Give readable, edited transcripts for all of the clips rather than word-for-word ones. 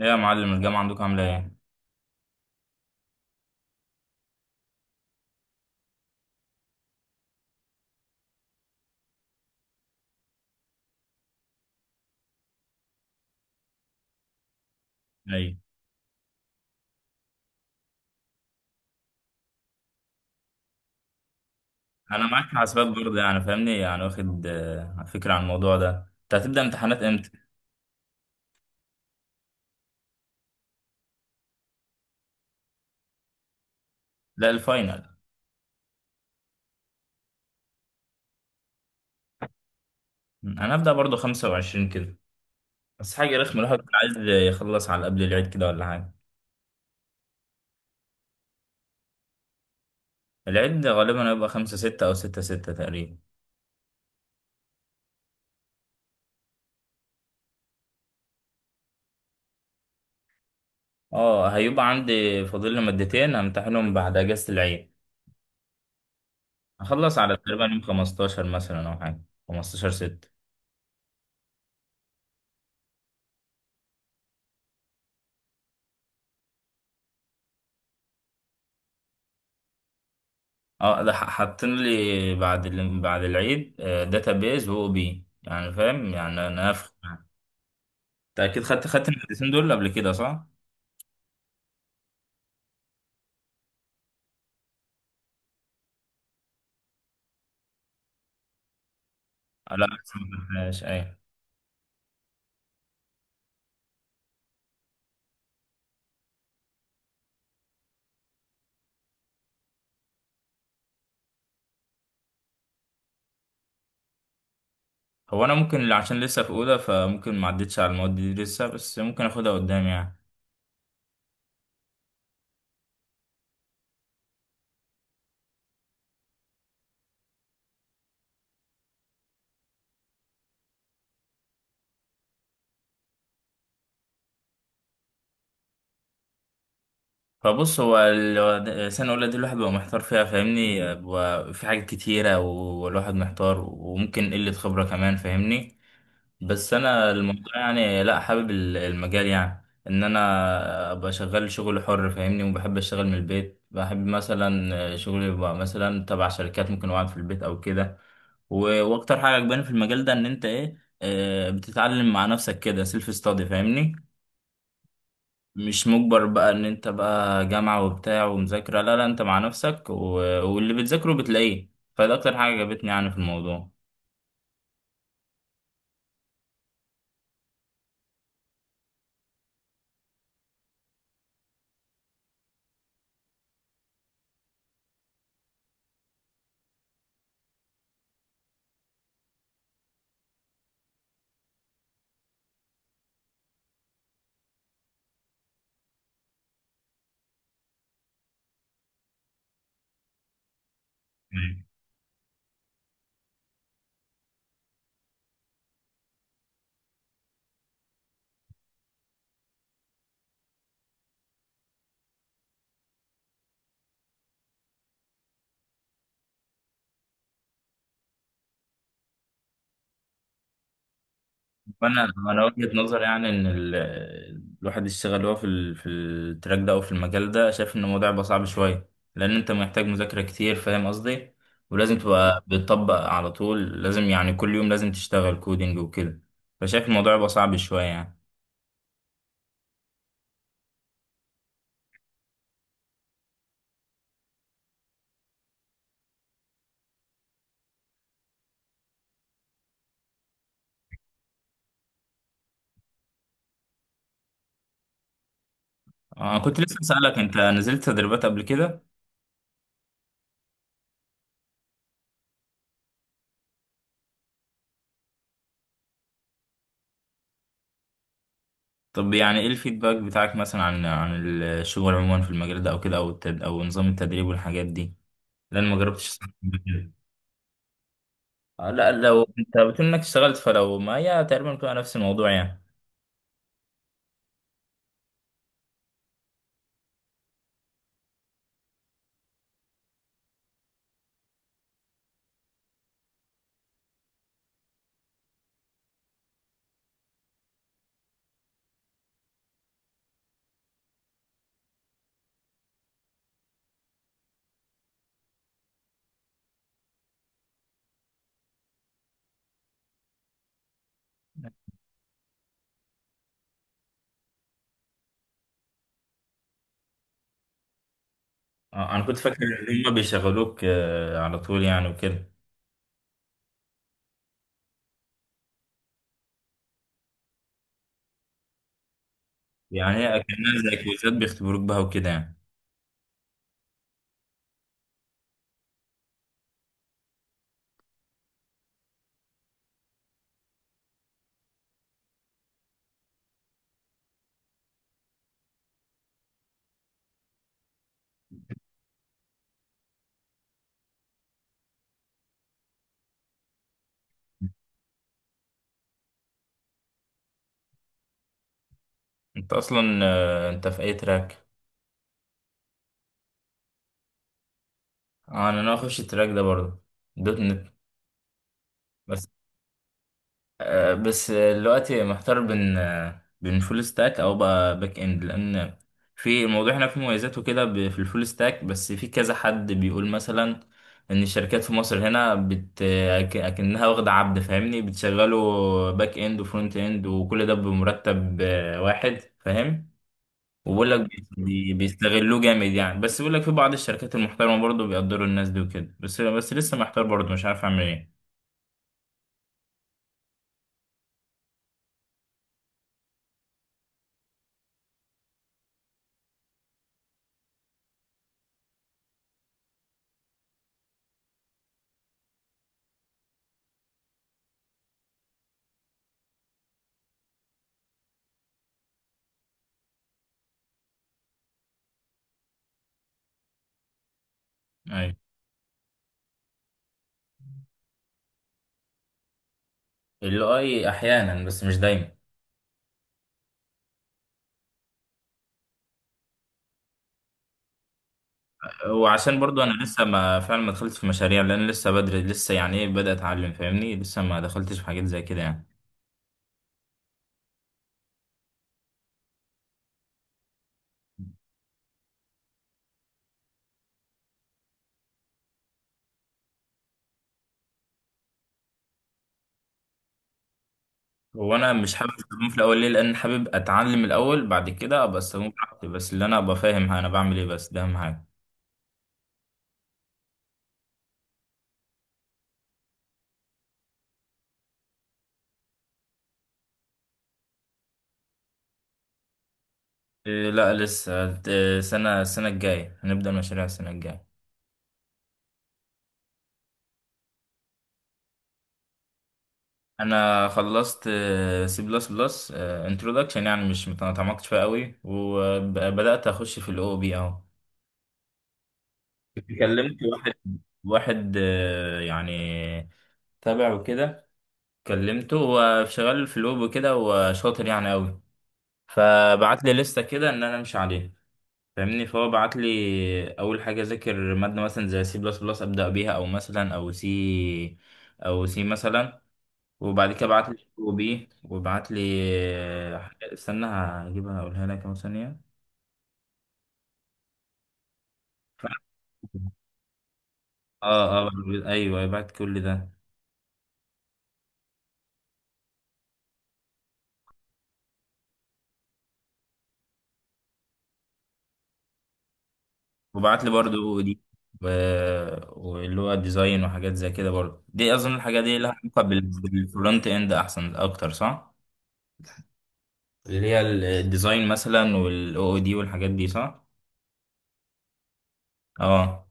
ايه يا معلم، الجامعة عندكم عاملة ايه؟ ايوه. انا معاك في حاسبات برضه، يعني فاهمني، يعني واخد فكرة عن الموضوع ده. انت هتبدأ امتحانات امتى؟ لا، الفاينل. انا هبدأ برضه 25 كده. بس حاجة رخمة، الواحد كان عايز يخلص على قبل العيد كده ولا حاجة. العيد غالبا هيبقى 5 6 او 6 6 تقريبا. اه، هيبقى عندي فاضل لي مادتين همتحنهم بعد اجازة العيد. هخلص على تقريبا يوم 15 مثلا او حاجة. 15 6. اه، ده حاطين لي بعد بعد العيد. داتابيز و او بي، يعني فاهم، يعني انا افهم. انت اكيد خدت المادتين دول قبل كده، صح؟ لا لسه ما خدتهاش، ايوه. هو انا ممكن عشان لسه في اولى، فممكن ما عدتش على المواد دي لسه، بس ممكن اخدها قدام يعني. فبص، هو سنة أولى دي الواحد بيبقى محتار فيها، فاهمني، بيبقى في حاجات كتيرة والواحد محتار، وممكن قلة خبرة كمان، فاهمني. بس انا الموضوع يعني، لا، حابب المجال، يعني ان انا ابقى شغال شغل حر، فاهمني، وبحب اشتغل من البيت، بحب مثلا شغلي يبقى مثلا تبع شركات، ممكن اقعد في البيت او كده. واكتر حاجه عجباني في المجال ده ان انت ايه، بتتعلم مع نفسك كده، سيلف ستادي، فاهمني. مش مجبر بقى ان انت بقى جامعه وبتاع ومذاكره، لا لا، انت مع نفسك، واللي بتذاكره بتلاقيه. فده اكتر حاجه عجبتني يعني في الموضوع. وانا انا وجهة نظر يعني ان الواحد يشتغل هو في في التراك ده او في المجال ده، شايف ان الموضوع بقى صعب شويه، لان انت محتاج مذاكره كتير، فاهم قصدي. ولازم تبقى بتطبق على طول، لازم يعني كل يوم لازم تشتغل كودينج وكده. فشايف الموضوع بقى صعب شويه يعني. انا كنت لسه اسالك، انت نزلت تدريبات قبل كده؟ طب يعني ايه الفيدباك بتاعك مثلا عن الشغل عموما في المجال ده او كده، او او نظام التدريب والحاجات دي، لان ما جربتش أصلاً. لا، لو انت بتقول انك اشتغلت فلو، ما هي تقريبا بتبقى نفس الموضوع يعني. انا كنت فاكر ان هم بيشغلوك على طول يعني وكده. يعني هي كانها زي كويزات بيختبروك بها وكده يعني. انت اصلا انت في اي تراك؟ انا ناوي اخش التراك ده برضه. دوت نت. بس، بس دلوقتي محتار بين، بين فول ستاك او بقى باك اند، لان في الموضوع هنا فيه مميزات وكده، في الفول ستاك. بس في كذا حد بيقول مثلا ان الشركات في مصر هنا اكنها واخده عبد، فاهمني، بتشغله باك اند وفرونت اند وكل ده بمرتب واحد، فاهم. وبقول لك، بيستغلوه جامد يعني. بس بيقول لك في بعض الشركات المحترمه برضه بيقدروا الناس دي وكده، بس لسه محتار برضه، مش عارف اعمل ايه. أيوة. الاي احيانا بس مش دايما. وعشان برضو انا لسه ما فعلا ما دخلتش في مشاريع، لان لسه بدري، لسه يعني ايه، بدأت اتعلم، فاهمني، لسه ما دخلتش في حاجات زي كده يعني. هو انا مش حابب استخدمه في الاول، ليه؟ لان حابب اتعلم الاول، بعد كده ابقى استخدمه براحتي، بس اللي انا ابقى فاهم انا بعمل ايه، بس ده اهم حاجه. إيه لا لسه، إيه، السنه الجايه هنبدأ مشاريع السنه الجايه. انا خلصت سي بلس بلس انترودكشن، يعني مش ما تعمقتش فيها قوي، وبدأت اخش في الاو بي اهو. كلمت واحد، واحد يعني تابع وكده، كلمته، هو شغال في الويب وكده وشاطر يعني قوي. فبعت لي لستة كده ان انا امشي عليها، فاهمني. فهو بعت لي اول حاجه اذاكر ماده مثلا زي سي بلس بلس، ابدا بيها، او مثلا او سي، او سي مثلا. وبعد كده بعت لي وبي، وبعت لي، استنى هجيبها اقولها لك اهو، ثانيه. ف- اه، اه، ايوه، أيوه، بعت كل ده. وبعت لي برضو دي، و... واللي هو ديزاين وحاجات زي كده، برضو دي. اظن الحاجات دي لها علاقه بالفرونت اند احسن اكتر، صح؟ اللي هي الديزاين مثلا والاو او دي والحاجات دي، صح. اه.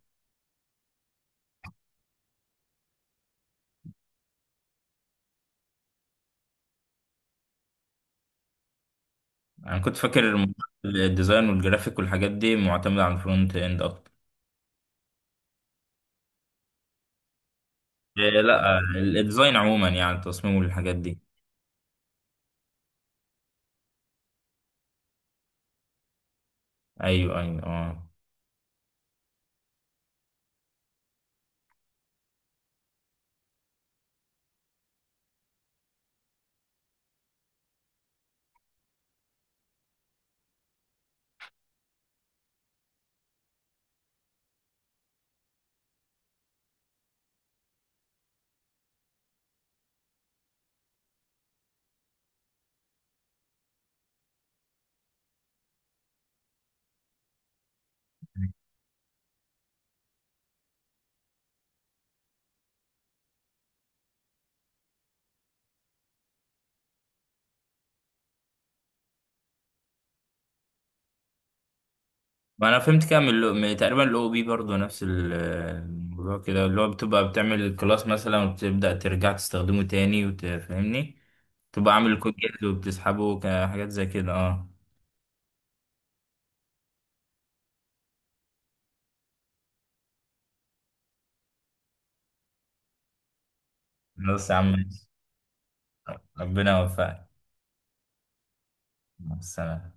انا كنت فاكر الديزاين والجرافيك والحاجات دي معتمده على الفرونت اند اكتر. إيه لا، الديزاين عموما يعني التصميم والحاجات دي. ايوه ايوه اه. ما انا فهمت كده من من تقريبا الاو بي برضه، نفس الموضوع كده اللي هو بتبقى بتعمل الكلاس مثلا وبتبدأ ترجع تستخدمه تاني، وتفهمني تبقى عامل الكود جاهز وبتسحبه كحاجات زي كده. اه. بس يا عم، ربنا يوفقك. مع السلامة.